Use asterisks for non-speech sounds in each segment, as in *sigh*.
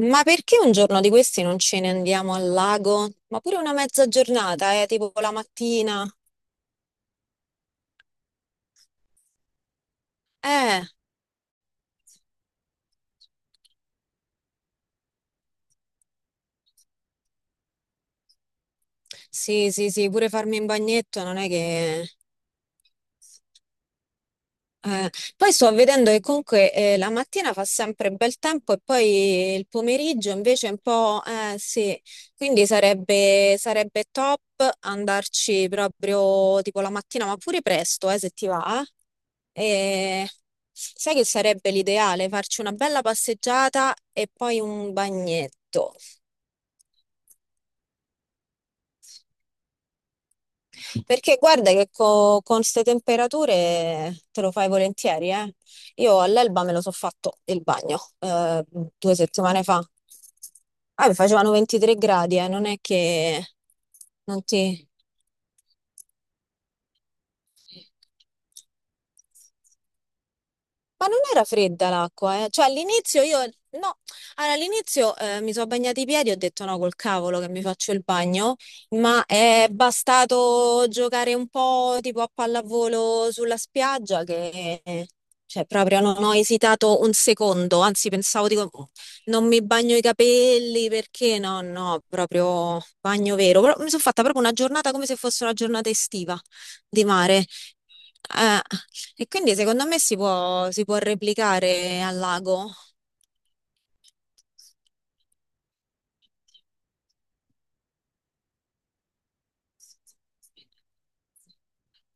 Ma perché un giorno di questi non ce ne andiamo al lago? Ma pure una mezza giornata, tipo la mattina. Eh, sì, sì, sì, pure farmi un bagnetto non è che... Eh, poi sto vedendo che comunque la mattina fa sempre bel tempo e poi il pomeriggio invece è un po'... sì, quindi sarebbe top andarci proprio tipo la mattina, ma pure presto, se ti va. E sai che sarebbe l'ideale? Farci una bella passeggiata e poi un bagnetto. Perché guarda che con queste temperature te lo fai volentieri, eh. Io all'Elba me lo so fatto il bagno, 2 settimane fa. Ah, mi facevano 23 gradi, non è che non ti... Ma non era fredda l'acqua, eh? Cioè no, allora, all'inizio mi sono bagnati i piedi e ho detto no, col cavolo che mi faccio il bagno, ma è bastato giocare un po' tipo a pallavolo sulla spiaggia che, cioè proprio non ho esitato un secondo, anzi pensavo, dico, "Oh, non mi bagno i capelli perché no, no, proprio bagno vero." Però mi sono fatta proprio una giornata come se fosse una giornata estiva di mare. Eh, e quindi secondo me si può replicare al lago.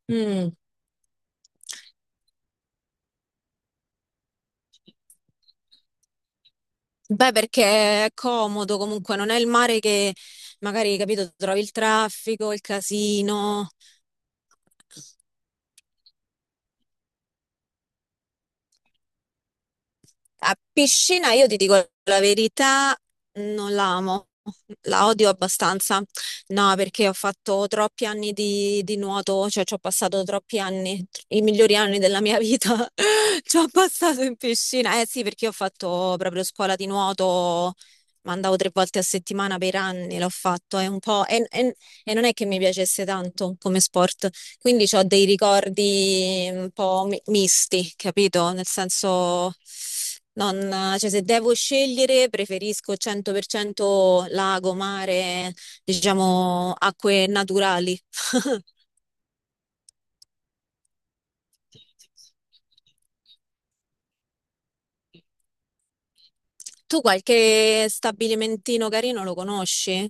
Mm. Beh, perché è comodo comunque, non è il mare che magari, capito, trovi il traffico, il casino. A piscina, io ti dico la verità, non la amo, la odio abbastanza. No, perché ho fatto troppi anni di nuoto, cioè ci ho passato troppi anni, i migliori anni della mia vita, *laughs* ci ho passato in piscina. Eh sì, perché io ho fatto proprio scuola di nuoto, ma andavo 3 volte a settimana per anni, l'ho fatto, è un po'... e non è che mi piacesse tanto come sport. Quindi ho dei ricordi un po' misti, capito? Nel senso, cioè, se devo scegliere, preferisco 100% lago, mare, diciamo, acque naturali. Tu qualche stabilimentino carino lo conosci?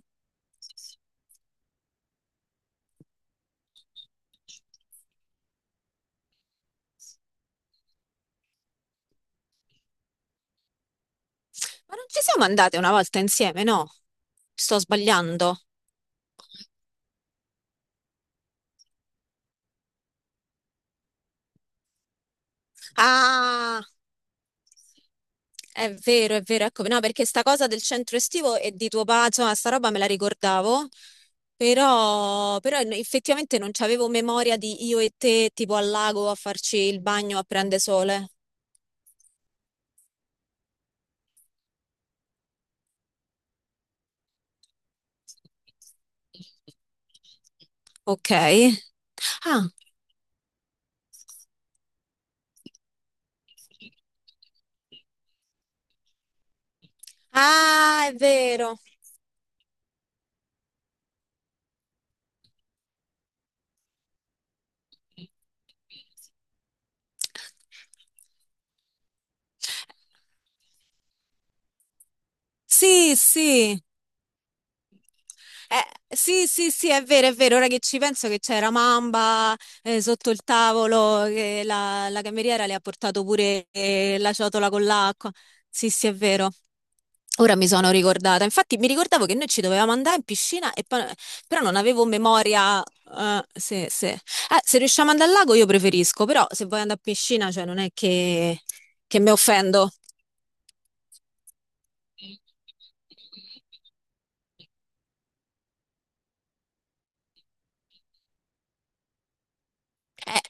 Ma non ci siamo andate una volta insieme, no? Sto sbagliando. Ah, è vero, ecco, no, perché sta cosa del centro estivo e di tuo padre, insomma, sta roba me la ricordavo, però effettivamente non c'avevo memoria di io e te, tipo al lago a farci il bagno a prende sole. Ok. Ah, ah, è vero. Sì, sì. Sì, sì, sì, è vero, è vero. Ora che ci penso che c'era Mamba, sotto il tavolo, che la cameriera le ha portato pure, la ciotola con l'acqua. Sì, sì, è vero. Ora mi sono ricordata. Infatti mi ricordavo che noi ci dovevamo andare in piscina, e però non avevo memoria, se riusciamo ad andare al lago io preferisco, però se vuoi andare a piscina, cioè non è che mi offendo. Eh,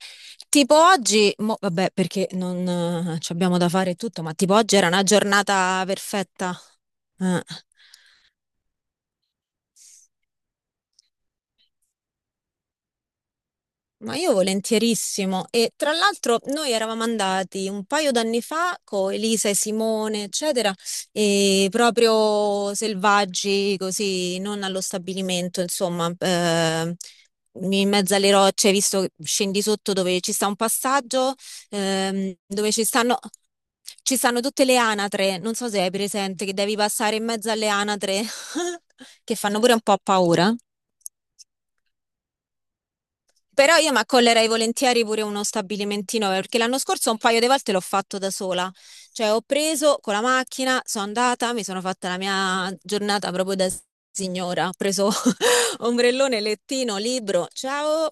tipo oggi, vabbè, perché non ci abbiamo da fare e tutto, ma tipo oggi era una giornata perfetta. Eh. Ma io volentierissimo. E tra l'altro noi eravamo andati un paio d'anni fa con Elisa e Simone, eccetera, e proprio selvaggi, così, non allo stabilimento, insomma, in mezzo alle rocce, visto che scendi sotto dove ci sta un passaggio, dove ci stanno... Ci stanno tutte le anatre, non so se hai presente che devi passare in mezzo alle anatre, *laughs* che fanno pure un po' paura. Però io mi accollerei volentieri pure uno stabilimentino perché l'anno scorso un paio di volte l'ho fatto da sola. Cioè ho preso con la macchina, sono andata, mi sono fatta la mia giornata proprio da signora. Ho preso *laughs* ombrellone, lettino, libro. Ciao!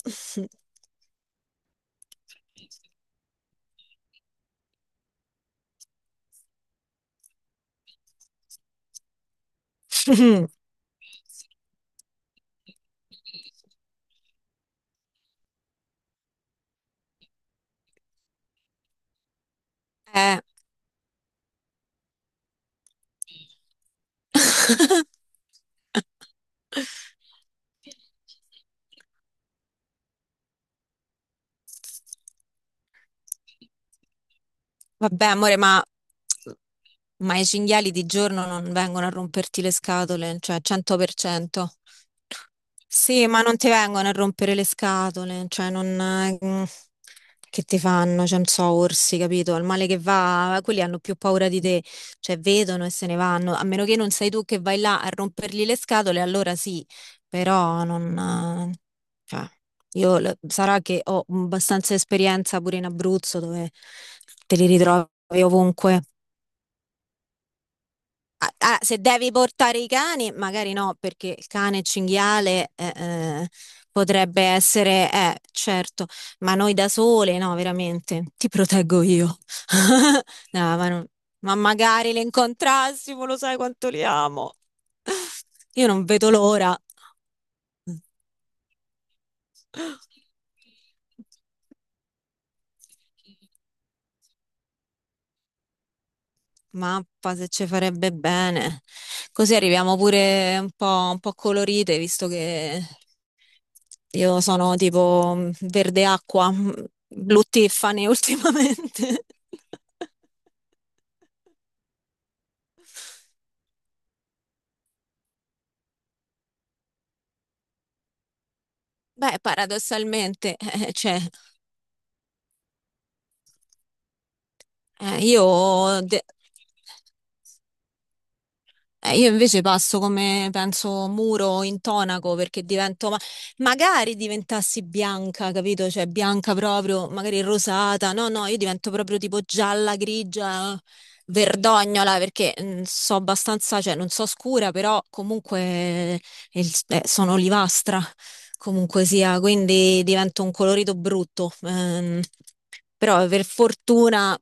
*laughs* Eh. *laughs* Vabbè, amore, ma i cinghiali di giorno non vengono a romperti le scatole, cioè 100%. Sì, ma non ti vengono a rompere le scatole, cioè non... mm, che ti fanno? Cioè, non so, orsi, capito? Al male che va, quelli hanno più paura di te, cioè vedono e se ne vanno, a meno che non sei tu che vai là a rompergli le scatole, allora sì, però non... eh, cioè, sarà che ho abbastanza esperienza pure in Abruzzo dove te li ritrovi ovunque. Ah, ah, se devi portare i cani, magari no, perché il cane cinghiale, potrebbe essere, certo, ma noi da sole, no, veramente, ti proteggo io. *laughs* No, ma, non- ma magari le incontrassimo, lo sai quanto li amo. Io non vedo l'ora. Mappa se ci farebbe bene. Così arriviamo pure un po' colorite, visto che io sono tipo mm, verde acqua, mm, blu Tiffany *laughs* ultimamente. Beh, paradossalmente, cioè, eh, io... de- eh, io invece passo come, penso, muro intonaco perché divento, ma magari diventassi bianca, capito? Cioè bianca proprio, magari rosata. No, no, io divento proprio tipo gialla, grigia, verdognola perché mm, so abbastanza, cioè non so scura, però comunque sono olivastra, comunque sia, quindi divento un colorito brutto. Però per fortuna.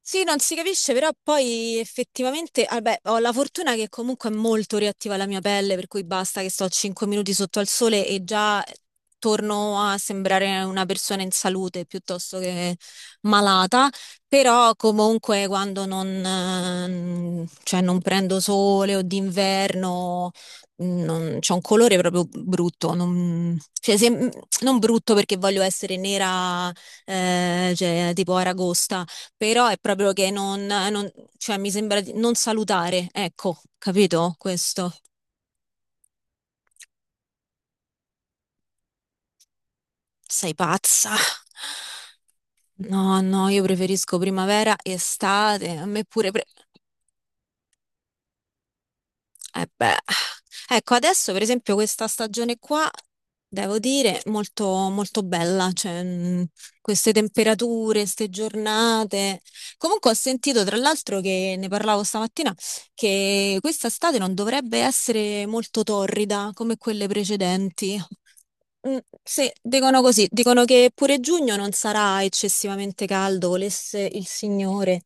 Sì, non si capisce, però poi effettivamente, ah, beh, ho la fortuna che comunque è molto reattiva la mia pelle, per cui basta che sto 5 minuti sotto al sole e già torno a sembrare una persona in salute piuttosto che malata, però comunque quando non, cioè non prendo sole o d'inverno non, c'è un colore proprio brutto, non, cioè, se- non brutto perché voglio essere nera, cioè, tipo Aragosta, però è proprio che cioè mi sembra di non salutare, ecco, capito? Questo. Sei pazza. No, no, io preferisco primavera, estate, a me pure... Pre... Eh beh. Ecco, adesso per esempio questa stagione qua, devo dire, molto, molto bella, cioè, queste temperature, queste giornate. Comunque ho sentito, tra l'altro, che ne parlavo stamattina, che questa estate non dovrebbe essere molto torrida come quelle precedenti. Mm, sì, dicono così, dicono che pure giugno non sarà eccessivamente caldo, volesse il Signore.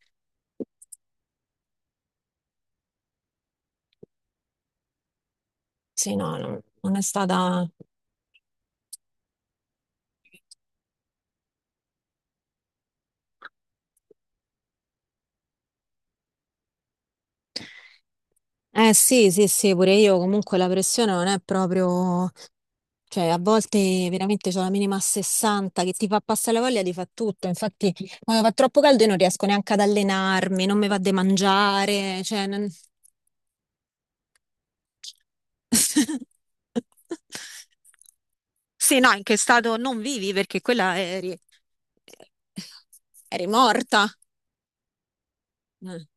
Sì, no, non è stata... Eh sì, sì, sì, pure io comunque la pressione non è proprio, cioè a volte veramente c'ho la minima a 60 che ti fa passare la voglia di fa tutto, infatti quando fa troppo caldo io non riesco neanche ad allenarmi, non mi va di mangiare, cioè... non- *laughs* Sì, no, in che stato non vivi perché quella eri, eri morta. Eh. *laughs*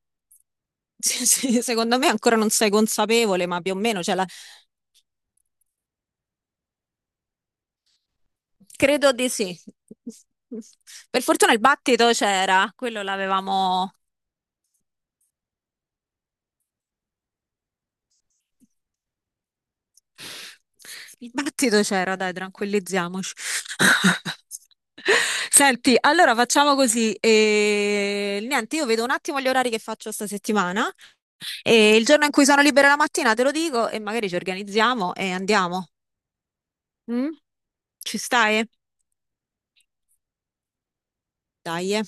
Sì, sì, secondo me ancora non sei consapevole, ma più o meno, cioè la credo di sì. Per fortuna il battito c'era, quello l'avevamo... Il battito c'era, dai, tranquillizziamoci. *laughs* Senti, allora facciamo così. Niente, io vedo un attimo gli orari che faccio sta settimana e il giorno in cui sono libera la mattina te lo dico e magari ci organizziamo e andiamo. Mm? Ci stai? Dai. Eh.